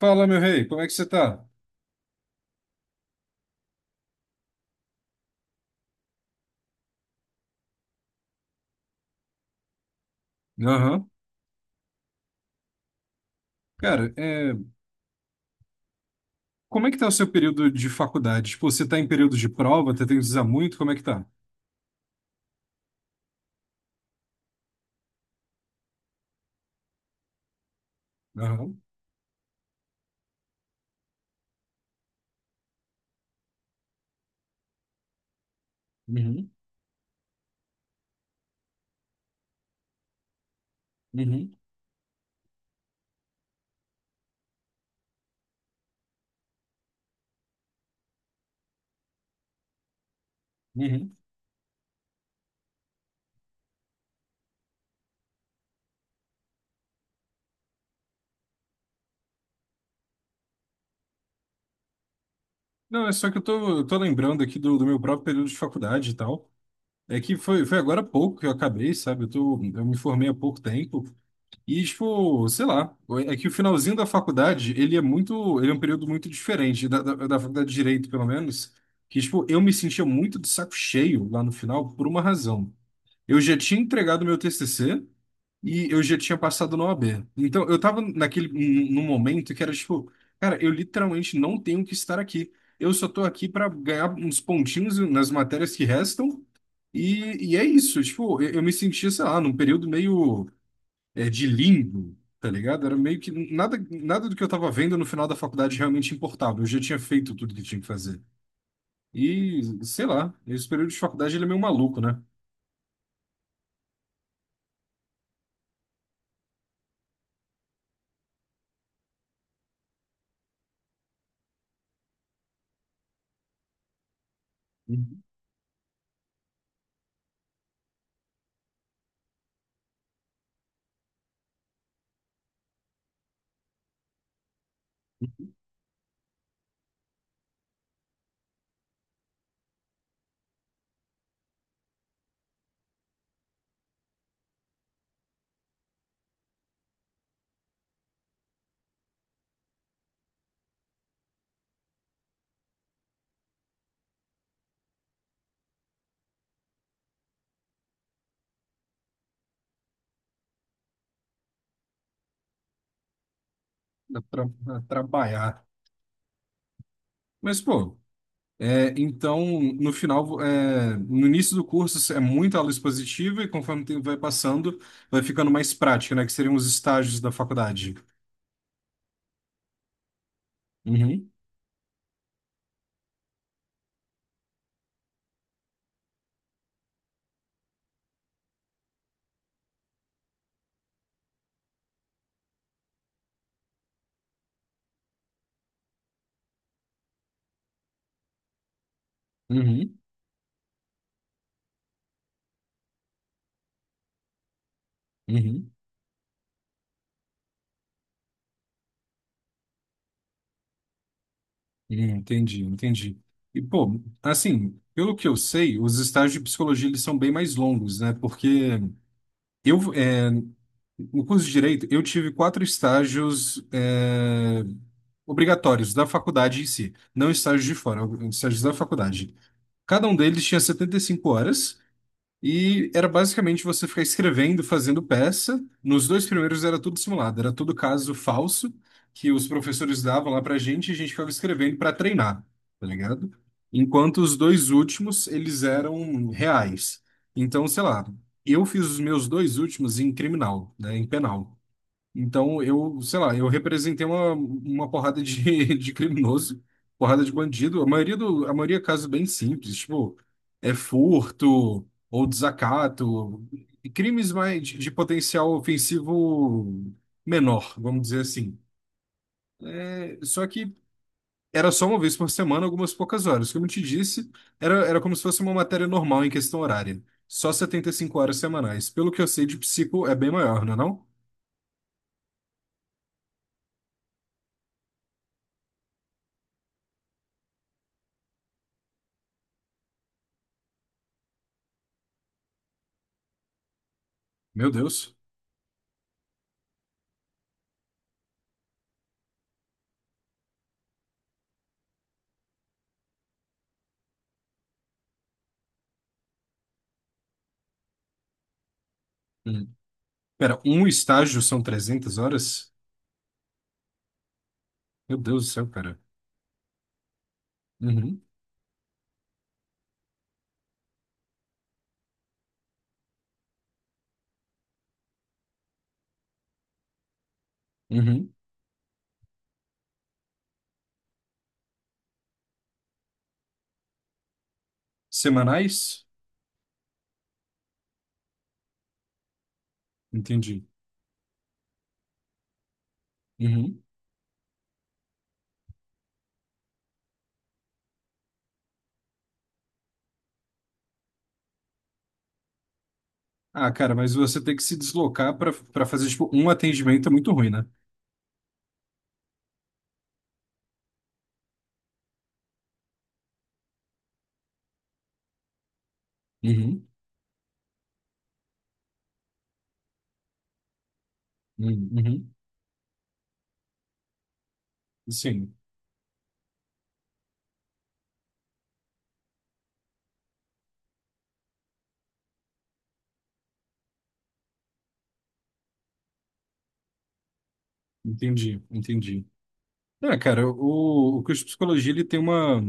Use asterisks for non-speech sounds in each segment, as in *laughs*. Fala, meu rei, como é que você tá? Aham. Cara, é, Como é que tá o seu período de faculdade? Tipo, você tá em período de prova, tá tendo que usar muito, como é que tá? Aham. Uhum. Uhum. Uhum. Não, é só que eu tô lembrando aqui do meu próprio período de faculdade e tal. É que foi agora há pouco que eu acabei, sabe? Eu me formei há pouco tempo. E, tipo, sei lá, é que o finalzinho da faculdade, ele é um período muito diferente da faculdade de Direito, pelo menos, que, tipo, eu me sentia muito de saco cheio lá no final por uma razão. Eu já tinha entregado meu TCC e eu já tinha passado na OAB. Então, eu tava naquele, num momento que era, tipo, cara, eu literalmente não tenho que estar aqui. Eu só tô aqui para ganhar uns pontinhos nas matérias que restam e é isso. Tipo, eu me sentia, sei lá, num período meio de lindo, tá ligado? Era meio que nada, nada do que eu tava vendo no final da faculdade realmente importava. Eu já tinha feito tudo que tinha que fazer. E, sei lá, esse período de faculdade ele é meio maluco, né? Uhum. Dá pra trabalhar. Mas, pô, é, então, no início do curso é muita aula expositiva e, conforme o tempo vai passando, vai ficando mais prática, né? Que seriam os estágios da faculdade. Uhum, uhum, uhum. Entendi, entendi. E, pô, assim, pelo que eu sei, os estágios de psicologia eles são bem mais longos, né? Porque eu, é, no curso de Direito, eu tive quatro estágios, é, obrigatórios da faculdade em si, não estágios de fora, estágios da faculdade. Cada um deles tinha 75 horas e era basicamente você ficar escrevendo, fazendo peça. Nos dois primeiros era tudo simulado, era tudo caso falso que os professores davam lá pra gente e a gente ficava escrevendo para treinar, tá ligado? Enquanto os dois últimos, eles eram reais. Então, sei lá, eu fiz os meus dois últimos em criminal, né, em penal. Então, eu, sei lá, eu representei uma porrada de, *laughs* de criminoso, porrada de bandido. A maioria é caso bem simples, tipo, é furto ou desacato, e crimes mais de potencial ofensivo menor, vamos dizer assim. É, só que era só uma vez por semana, algumas poucas horas. Como eu te disse, era como se fosse uma matéria normal em questão horária. Só 75 horas semanais. Pelo que eu sei de psico, é bem maior, não é não? Meu Deus. Pera, um estágio são 300 horas? Meu Deus do céu, cara. Uhum, uhum. Semanais? Entendi. Uhum. Ah, cara, mas você tem que se deslocar para fazer, tipo, um atendimento é muito ruim, né? Uhum, uhum, uhum. Sim, entendi, entendi. É, cara, o curso de psicologia, ele tem uma...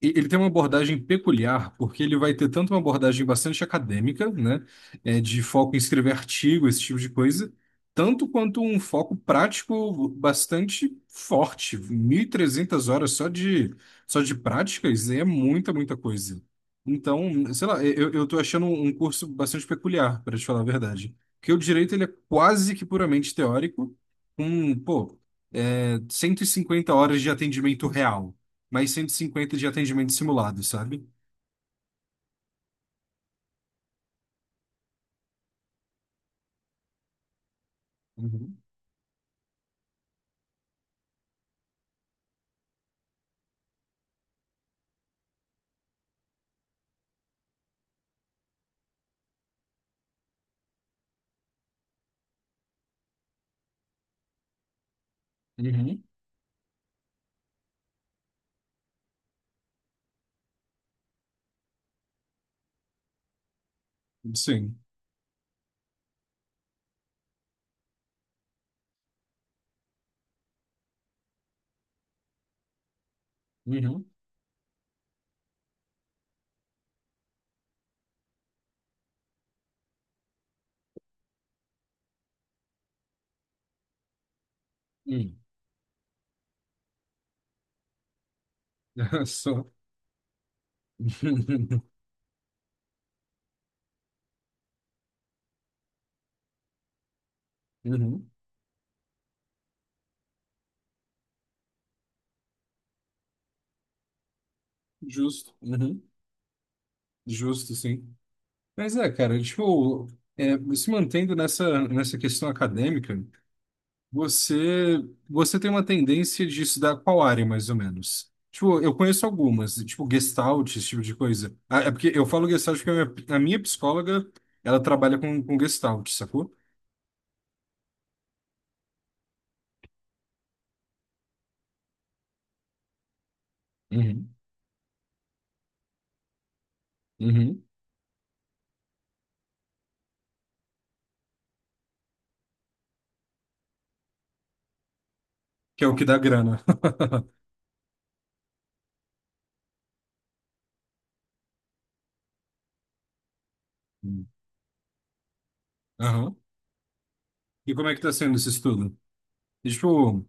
Ele tem uma abordagem peculiar, porque ele vai ter tanto uma abordagem bastante acadêmica, né, é, de foco em escrever artigo, esse tipo de coisa, tanto quanto um foco prático bastante forte. 1.300 horas só de práticas é muita, muita coisa. Então, sei lá, eu tô achando um curso bastante peculiar, para te falar a verdade. Porque o direito, ele é quase que puramente teórico, com, pô, é, 150 horas de atendimento real mais 150 de atendimento simulado, sabe? Uhum. Uhum. Sim. Uhum. Uhum. *laughs* Só *laughs* Uhum. Justo, uhum. Justo, sim. Mas é, cara, tipo, é, se mantendo nessa questão acadêmica, você, você tem uma tendência de estudar qual área, mais ou menos? Tipo, eu conheço algumas, tipo, Gestalt, esse tipo de coisa. Ah, é porque eu falo Gestalt porque a minha psicóloga, ela trabalha com Gestalt, sacou? Uhum. Uhum. Que é o que dá grana. Hum. Aham. E como é que tá sendo esse estudo? E, tipo,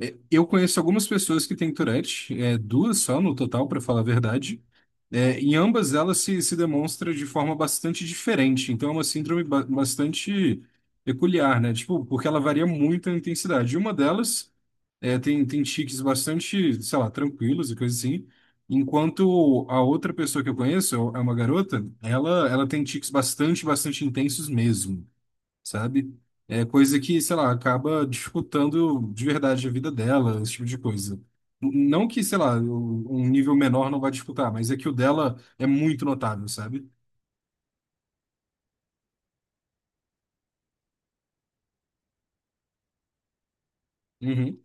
é, eu conheço algumas pessoas que têm Tourette, é, duas só no total, para falar a verdade. É, em ambas elas se demonstra de forma bastante diferente. Então é uma síndrome bastante peculiar, né? Tipo, porque ela varia muito a intensidade. E uma delas é, tem tiques bastante, sei lá, tranquilos e coisas assim. Enquanto a outra pessoa que eu conheço, é uma garota, ela tem tiques bastante intensos mesmo. Sabe? É coisa que, sei lá, acaba dificultando de verdade a vida dela, esse tipo de coisa. Não que, sei lá, um nível menor não vai disputar, mas é que o dela é muito notável, sabe? Uhum.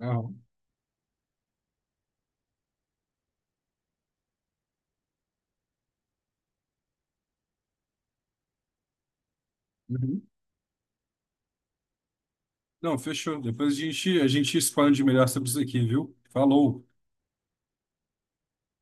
Aham. Uhum. Não, fechou. Depois a gente expande melhor sobre isso aqui, viu? Falou.